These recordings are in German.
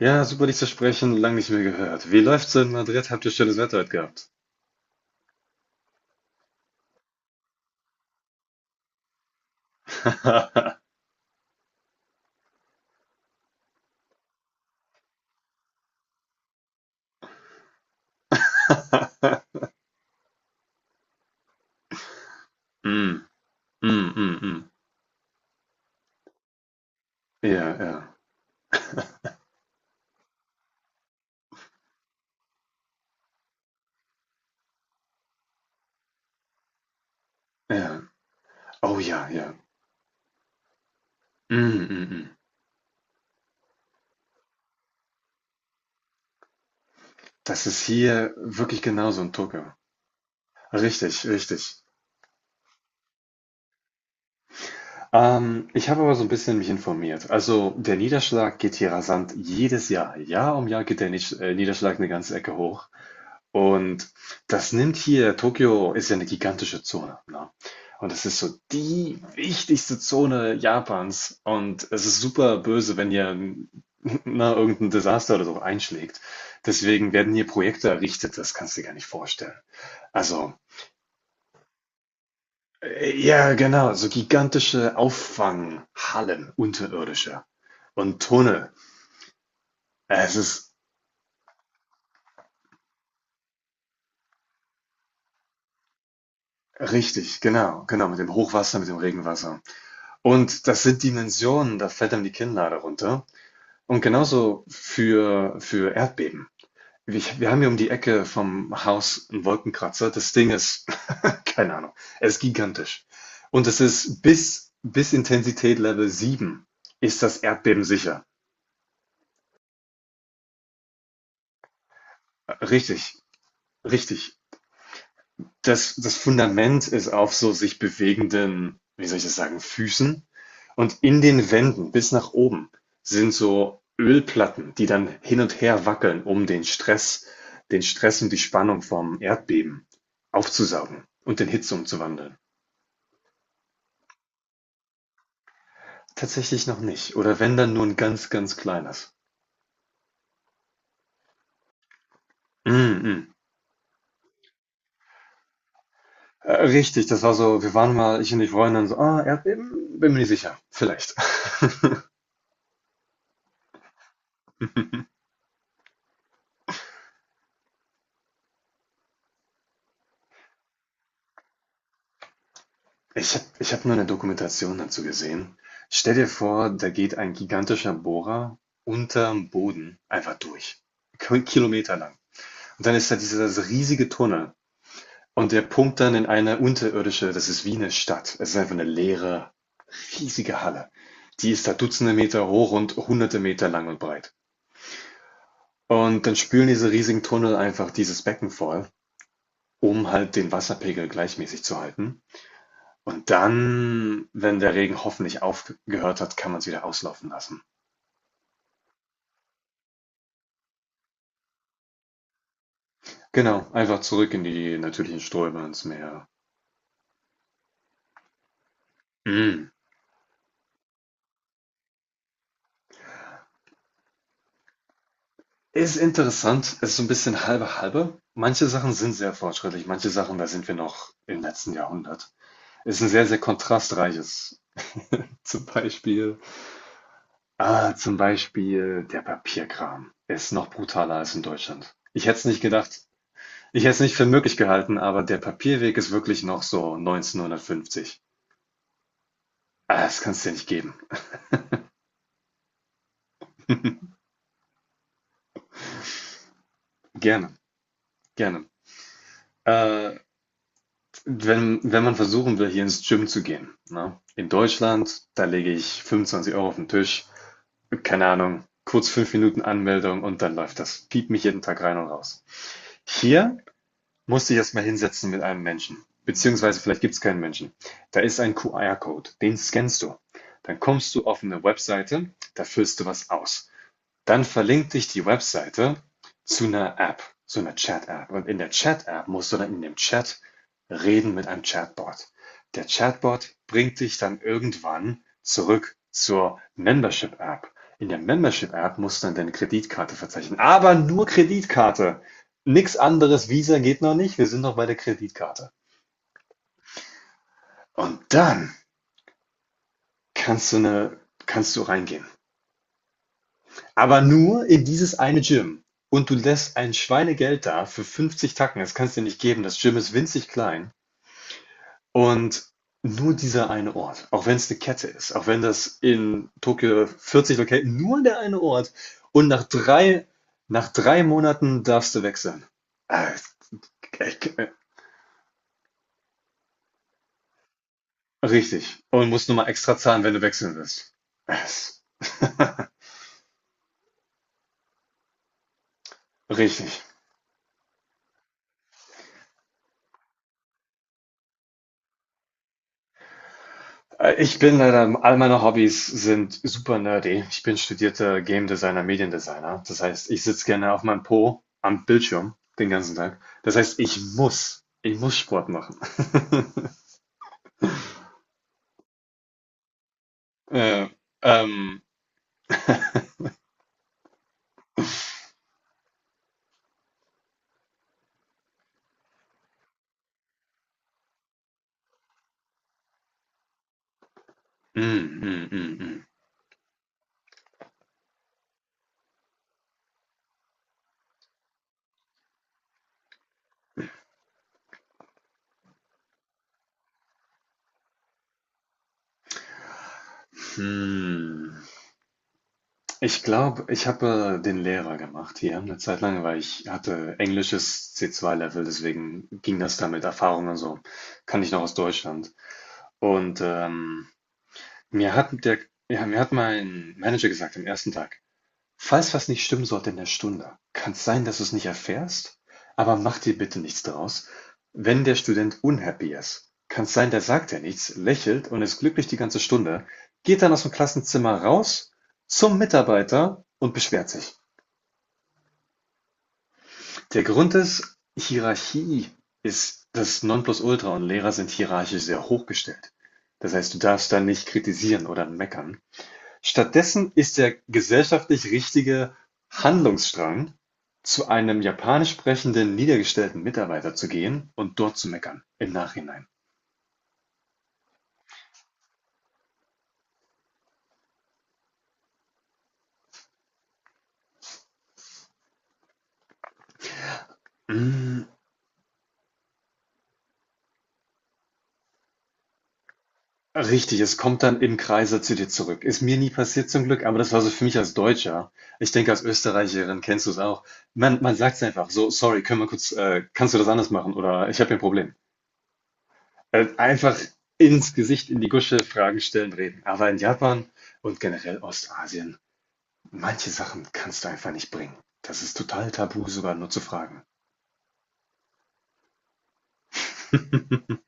Ja, super dich zu sprechen, lang nicht mehr gehört. Wie läuft's in Madrid? Habt ihr schönes Wetter heute gehabt? Mm, mm, mm, mm. Ja, ja, ja. Oh ja, ja. Mm, mm, mm. Das ist hier wirklich genauso in Tucke. Richtig, richtig. Ich habe aber so ein bisschen mich informiert. Also der Niederschlag geht hier rasant jedes Jahr. Jahr um Jahr geht der Niederschlag eine ganze Ecke hoch. Und das nimmt hier, Tokio ist ja eine gigantische Zone, ne? Und das ist so die wichtigste Zone Japans und es ist super böse, wenn hier na irgendein Desaster oder so einschlägt. Deswegen werden hier Projekte errichtet, das kannst du dir gar nicht vorstellen. Also ja, genau, so gigantische Auffanghallen, unterirdische und Tunnel. Es ist richtig, genau, genau, mit dem Hochwasser, mit dem Regenwasser. Und das sind Dimensionen, da fällt einem die Kinnlade runter. Und genauso für Erdbeben. Wir haben hier um die Ecke vom Haus einen Wolkenkratzer. Das Ding ist, keine Ahnung, es ist gigantisch. Und es ist bis Intensität Level 7 ist das Erdbeben sicher. Richtig, richtig, das Fundament ist auf so sich bewegenden, wie soll ich das sagen, Füßen. Und in den Wänden bis nach oben sind so Ölplatten, die dann hin und her wackeln, um den Stress und die Spannung vom Erdbeben aufzusaugen und in Hitze umzuwandeln. Tatsächlich noch nicht. Oder wenn dann nur ein ganz, ganz kleines. Mm -mm. Richtig, das war so, wir waren mal, ich und die Freundin, so, ah, Erdbeben? Bin mir nicht sicher. Vielleicht. Ich hab mal eine Dokumentation dazu gesehen. Stell dir vor, da geht ein gigantischer Bohrer unterm Boden einfach durch. Kilometer lang. Und dann ist da dieser riesige Tunnel. Und der pumpt dann in eine unterirdische, das ist wie eine Stadt. Es ist einfach eine leere, riesige Halle. Die ist da Dutzende Meter hoch und Hunderte Meter lang und breit. Und dann spülen diese riesigen Tunnel einfach dieses Becken voll, um halt den Wasserpegel gleichmäßig zu halten. Und dann, wenn der Regen hoffentlich aufgehört hat, kann man es wieder auslaufen lassen. Genau, einfach zurück in die natürlichen Ströme, ins Meer. Mm. Ist interessant, ist so ein bisschen halbe halbe. Manche Sachen sind sehr fortschrittlich, manche Sachen, da sind wir noch im letzten Jahrhundert. Ist ein sehr, sehr kontrastreiches. Zum Beispiel, ah, zum Beispiel der Papierkram ist noch brutaler als in Deutschland. Ich hätte es nicht gedacht, ich hätte es nicht für möglich gehalten, aber der Papierweg ist wirklich noch so 1950. Ah, das kannst du dir nicht geben. Gerne, gerne. Äh, wenn man versuchen will, hier ins Gym zu gehen, ne? In Deutschland, da lege ich 25 Euro auf den Tisch, keine Ahnung, kurz 5 Minuten Anmeldung und dann läuft das. Piep mich jeden Tag rein und raus. Hier musste ich erstmal hinsetzen mit einem Menschen, beziehungsweise vielleicht gibt es keinen Menschen. Da ist ein QR-Code, den scannst du. Dann kommst du auf eine Webseite, da füllst du was aus. Dann verlinkt dich die Webseite zu einer App, zu einer Chat-App. Und in der Chat-App musst du dann in dem Chat reden mit einem Chatbot. Der Chatbot bringt dich dann irgendwann zurück zur Membership-App. In der Membership-App musst du dann deine Kreditkarte verzeichnen, aber nur Kreditkarte. Nix anderes, Visa geht noch nicht, wir sind noch bei der Kreditkarte. Und dann kannst du eine, kannst du reingehen. Aber nur in dieses eine Gym. Und du lässt ein Schweinegeld da für 50 Tacken. Das kannst du dir nicht geben. Das Gym ist winzig klein. Und nur dieser eine Ort, auch wenn es eine Kette ist, auch wenn das in Tokio 40 Locations, nur der eine Ort. Und nach 3 Monaten darfst du wechseln. Äh, ich- äh, Richtig. Und musst nur mal extra zahlen, wenn du wechseln willst. Es- Richtig. Ich bin leider, all meine Hobbys sind super nerdy. Ich bin studierter Game Designer, Mediendesigner. Das heißt, ich sitze gerne auf meinem Po am Bildschirm den ganzen Tag. Das heißt, ich muss Sport machen. Äh, ähm, mm, mm, mm, mm. Hm. Ich glaube, ich habe den Lehrer gemacht hier eine Zeit lang, weil ich hatte englisches C2-Level, deswegen ging das da mit Erfahrung und so. Kann ich noch aus Deutschland. Und Mir hat der, ja, mir hat mein Manager gesagt am ersten Tag, falls was nicht stimmen sollte in der Stunde, kann es sein, dass du es nicht erfährst, aber mach dir bitte nichts draus. Wenn der Student unhappy ist, kann es sein, der sagt ja nichts, lächelt und ist glücklich die ganze Stunde, geht dann aus dem Klassenzimmer raus zum Mitarbeiter und beschwert sich. Der Grund ist, Hierarchie ist das Nonplusultra und Lehrer sind hierarchisch sehr hochgestellt. Das heißt, du darfst da nicht kritisieren oder meckern. Stattdessen ist der gesellschaftlich richtige Handlungsstrang, zu einem japanisch sprechenden, niedergestellten Mitarbeiter zu gehen und dort zu meckern im Nachhinein. Hm, Richtig, es kommt dann im Kreise zu dir zurück. Ist mir nie passiert zum Glück, aber das war so für mich als Deutscher. Ich denke, als Österreicherin kennst du es auch. Man sagt es einfach so, sorry, können wir kurz, kannst du das anders machen oder ich habe hier ein Problem. Einfach ins Gesicht, in die Gusche, Fragen stellen, reden. Aber in Japan und generell Ostasien, manche Sachen kannst du einfach nicht bringen. Das ist total tabu, sogar nur zu fragen.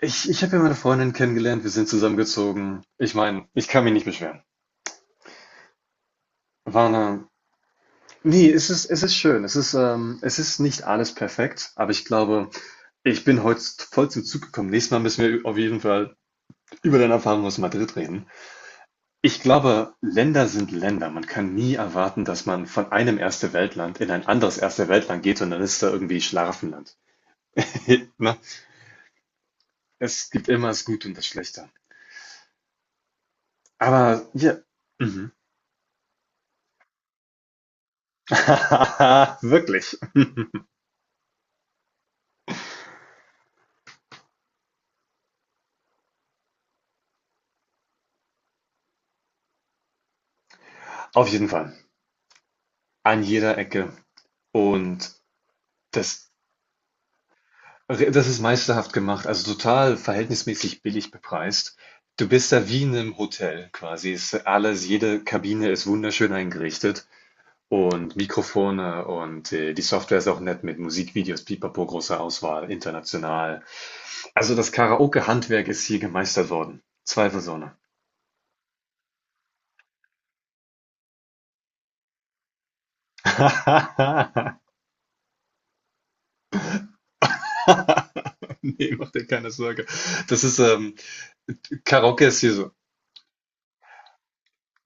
Ich habe ja meine Freundin kennengelernt, wir sind zusammengezogen. Ich meine, ich kann mich nicht beschweren. War eine, Es ist, es ist schön. Es ist nicht alles perfekt, aber ich glaube, ich bin heute voll zum Zug gekommen. Nächstes Mal müssen wir auf jeden Fall über deine Erfahrung aus Madrid reden. Ich glaube, Länder sind Länder. Man kann nie erwarten, dass man von einem Erste welt land in ein anderes Erste welt land geht und dann ist da irgendwie Schlaraffenland. Na? Es gibt immer das Gute und das Schlechte. Aber ja, mhm. Wirklich. Auf jeden Fall. An jeder Ecke. Und das, das ist meisterhaft gemacht, also total verhältnismäßig billig bepreist. Du bist da wie in einem Hotel quasi. Es ist alles, jede Kabine ist wunderschön eingerichtet und Mikrofone und die Software ist auch nett mit Musikvideos, Pipapo, großer Auswahl, international. Also das Karaoke-Handwerk ist hier gemeistert worden. Zweifelsohne. Ne, mach dir keine Sorge. Das ist, ähm, Karaoke ist hier so.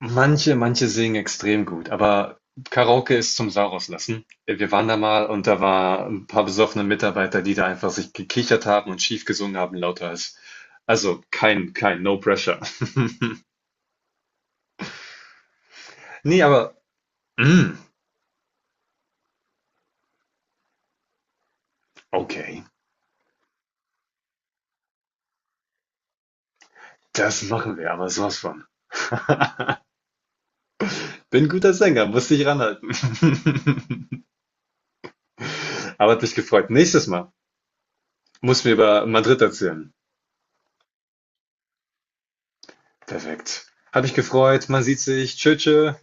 Manche singen extrem gut, aber Karaoke ist zum Sauerauslassen. Wir waren da mal und da war ein paar besoffene Mitarbeiter, die da einfach sich gekichert haben und schief gesungen haben, lauter als. Also kein, kein, no pressure. Nee, aber, mm, okay, das machen wir, aber sowas von. Bin ein guter Sänger, muss dich ranhalten. Aber hat mich gefreut. Nächstes Mal muss mir über Madrid erzählen. Perfekt. Hat mich gefreut. Man sieht sich. Tschö, tschö.